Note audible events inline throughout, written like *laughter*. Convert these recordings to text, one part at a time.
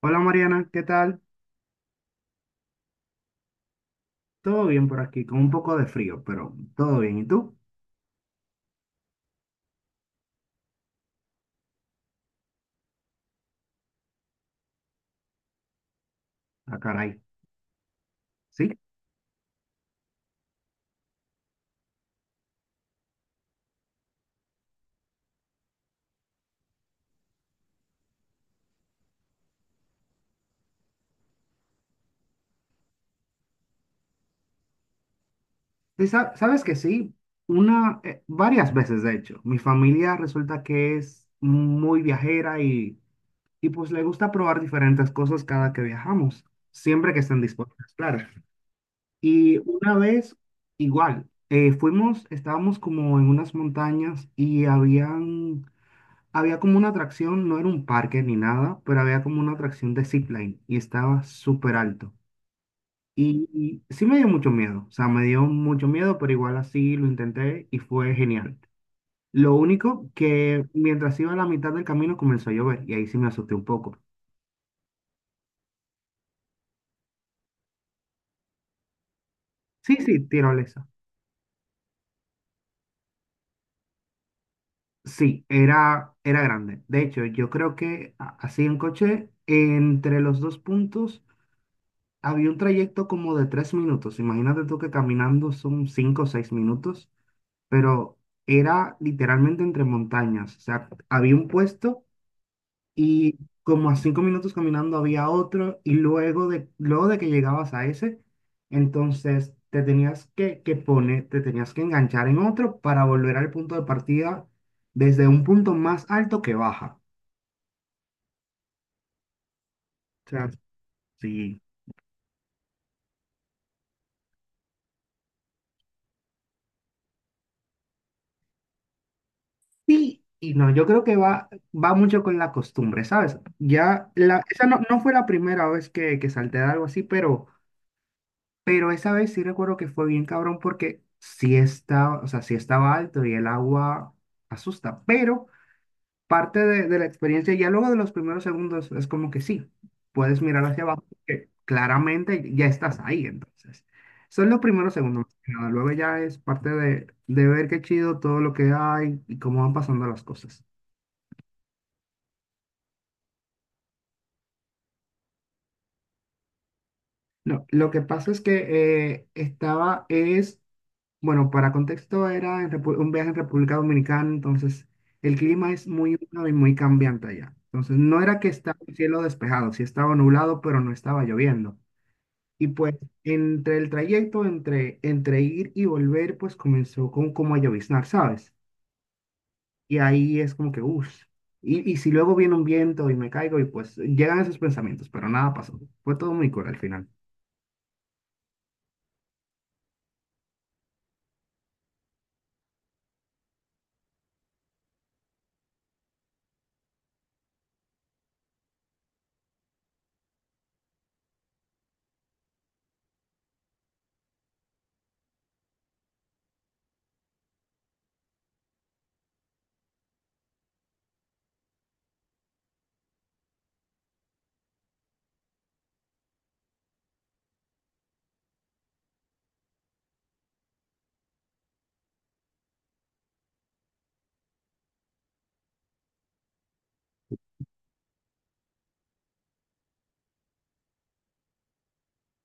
Hola Mariana, ¿qué tal? Todo bien por aquí, con un poco de frío, pero todo bien. ¿Y tú? Ah, caray. Sí. ¿Sabes que sí? Una, varias veces, de hecho. Mi familia resulta que es muy viajera y pues le gusta probar diferentes cosas cada que viajamos, siempre que estén dispuestas, claro. Y una vez, igual, fuimos, estábamos como en unas montañas y Había como una atracción, no era un parque ni nada, pero había como una atracción de zipline y estaba súper alto. Y, y sí me dio mucho miedo, o sea, me dio mucho miedo, pero igual así lo intenté y fue genial. Lo único que mientras iba a la mitad del camino comenzó a llover y ahí sí me asusté un poco. Sí, sí, tirolesa. Sí, era grande. De hecho, yo creo que así en coche, entre los dos puntos, había un trayecto como de tres minutos. Imagínate tú que caminando son cinco o seis minutos. Pero era literalmente entre montañas. O sea, había un puesto y como a cinco minutos caminando había otro y luego de que llegabas a ese, entonces te que poner, te tenías que enganchar en otro para volver al punto de partida desde un punto más alto que baja. O sea, sí. Sí y no, yo creo que va mucho con la costumbre, ¿sabes? Ya, esa no fue la primera vez que salté de algo así, pero... Pero esa vez sí recuerdo que fue bien cabrón porque sí estaba, o sea, sí estaba alto y el agua asusta, pero de la experiencia, ya luego de los primeros segundos, es como que sí, puedes mirar hacia abajo porque claramente ya estás ahí, entonces. Son los primeros segundos, más que nada. Luego ya es de ver qué chido todo lo que hay y cómo van pasando las cosas. No, lo que pasa es que bueno, para contexto era en un viaje en República Dominicana, entonces el clima es muy húmedo y muy cambiante allá. Entonces no era que estaba el cielo despejado, sí estaba nublado, pero no estaba lloviendo. Y pues entre el trayecto, entre ir y volver, pues comenzó como a lloviznar, ¿sabes? Y ahí es como que, uff, y si luego viene un viento y me caigo y pues llegan esos pensamientos, pero nada pasó. Fue todo muy cool al final.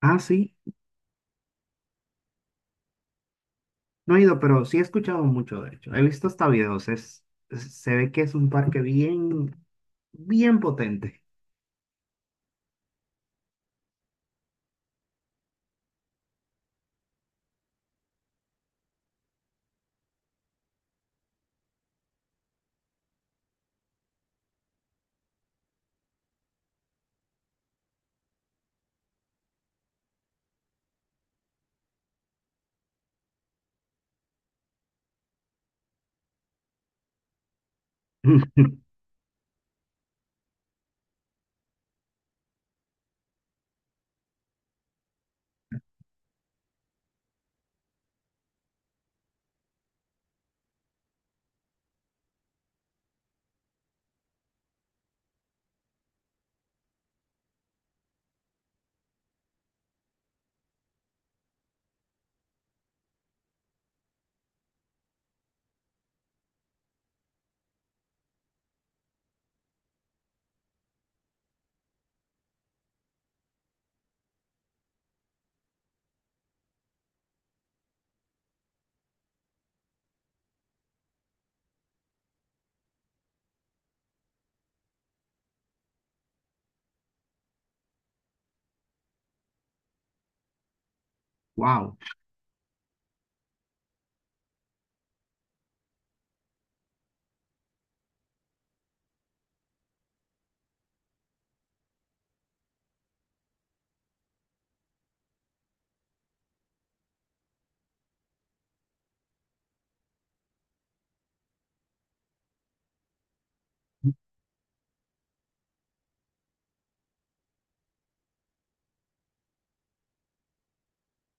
Ah, sí. No he ido, pero sí he escuchado mucho, de hecho. He visto hasta videos. Se ve que es un parque bien potente. *laughs* Wow.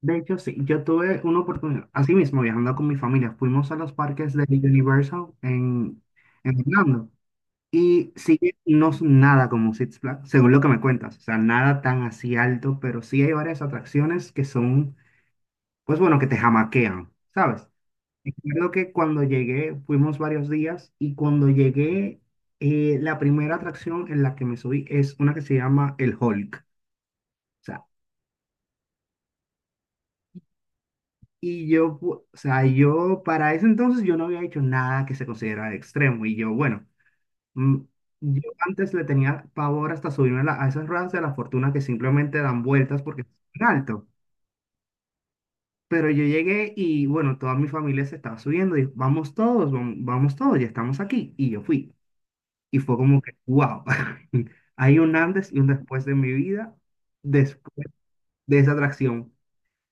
De hecho, sí, yo tuve una oportunidad. Así mismo, viajando con mi familia, fuimos a los parques de en Orlando. Y sí, no es nada como Six Flags, según lo que me cuentas. O sea, nada tan así alto, pero sí hay varias atracciones que son, pues bueno, que te jamaquean, ¿sabes? Recuerdo que cuando llegué, fuimos varios días y cuando llegué, la primera atracción en la que me subí es una que se llama el Hulk. O sea, y yo, o sea, yo para ese entonces yo no había hecho nada que se considerara extremo y yo, bueno, mm, yo antes le tenía pavor hasta subirme a esas ruedas de la fortuna que simplemente dan vueltas porque es muy alto. Pero yo llegué y bueno, toda mi familia se estaba subiendo y vamos todos, vamos todos, ya estamos aquí. Y yo fui. Y fue como que, wow, *laughs* hay un antes y un después de mi vida después de esa atracción.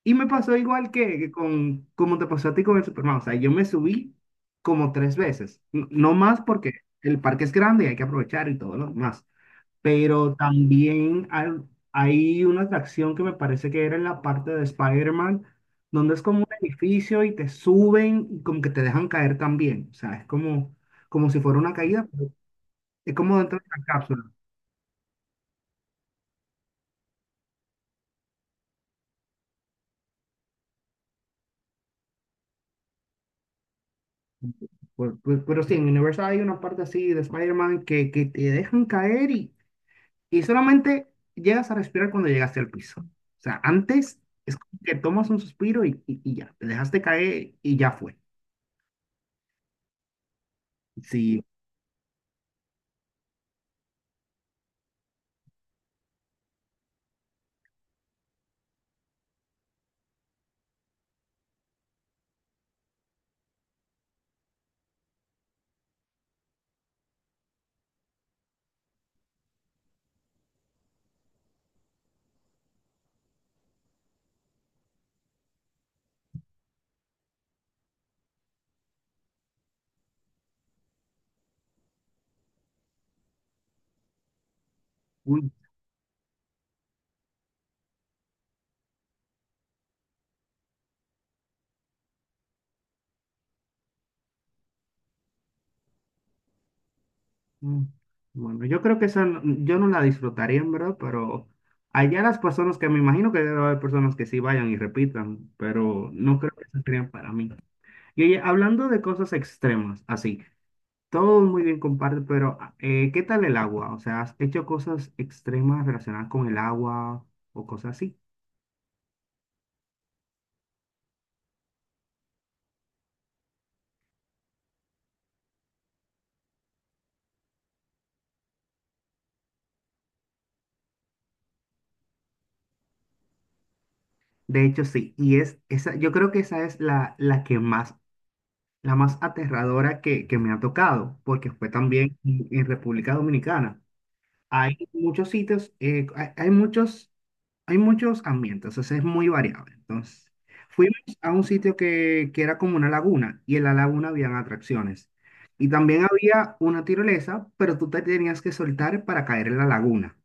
Y me pasó igual que con, como te pasó a ti con el Superman. O sea, yo me subí como tres veces. No más porque el parque es grande y hay que aprovechar y todo lo demás. Pero también hay una atracción que me parece que era en la parte de Spider-Man, donde es como un edificio y te suben y como que te dejan caer también. O sea, es como, como si fuera una caída, pero es como dentro de una cápsula. Pero sí, en Universal hay una parte así de Spider-Man que te dejan caer y solamente llegas a respirar cuando llegaste al piso. O sea, antes es como que tomas un suspiro y ya, te dejaste caer y ya fue. Sí, uy, mm, bueno, yo creo que esa yo no la disfrutaría en verdad, pero allá las personas que me imagino que debe haber personas que sí vayan y repitan, pero no creo que sean para mí. Y oye, hablando de cosas extremas, así. Todo muy bien comparte, pero ah, ¿qué tal el agua? O sea, ¿has hecho cosas extremas relacionadas con el agua o cosas así? De hecho, sí. Y es esa, yo creo que esa es la que más, la más aterradora que me ha tocado, porque fue también en República Dominicana. Hay muchos sitios, hay muchos ambientes, o sea, es muy variable. Entonces, fuimos a un sitio que era como una laguna y en la laguna habían atracciones. Y también había una tirolesa, pero tú te tenías que soltar para caer en la laguna.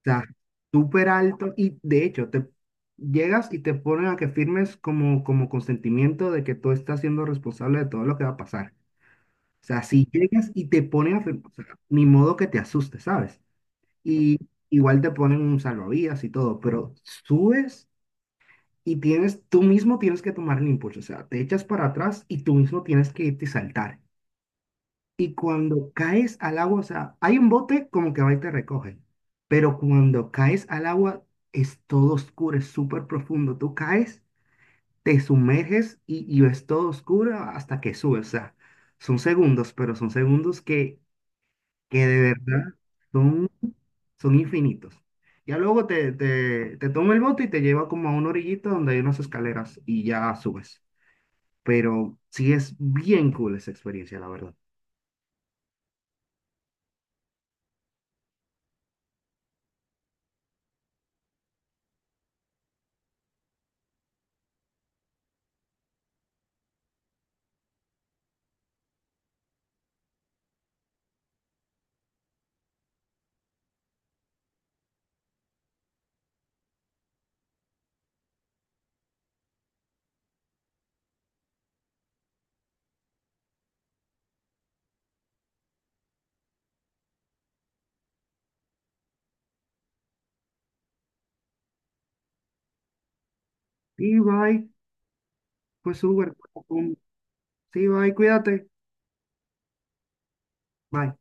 O sea, súper alto y de hecho te llegas y te ponen a que firmes como, como consentimiento de que tú estás siendo responsable de todo lo que va a pasar. O sea, si llegas y te ponen a firmar, o sea, ni modo que te asustes, ¿sabes? Y igual te ponen un salvavidas y todo, pero subes y tienes, tú mismo tienes que tomar el impulso, o sea, te echas para atrás y tú mismo tienes que irte y saltar. Y cuando caes al agua, o sea, hay un bote como que va y te recoge, pero cuando caes al agua es todo oscuro, es súper profundo, tú caes, te sumerges y es todo oscuro hasta que subes, o sea, son segundos, pero son segundos que de verdad son, son infinitos. Ya luego te toma el bote y te lleva como a una orillita donde hay unas escaleras y ya subes. Pero sí es bien cool esa experiencia, la verdad. Y bye, pues Uber, sí, bye, cuídate. Bye.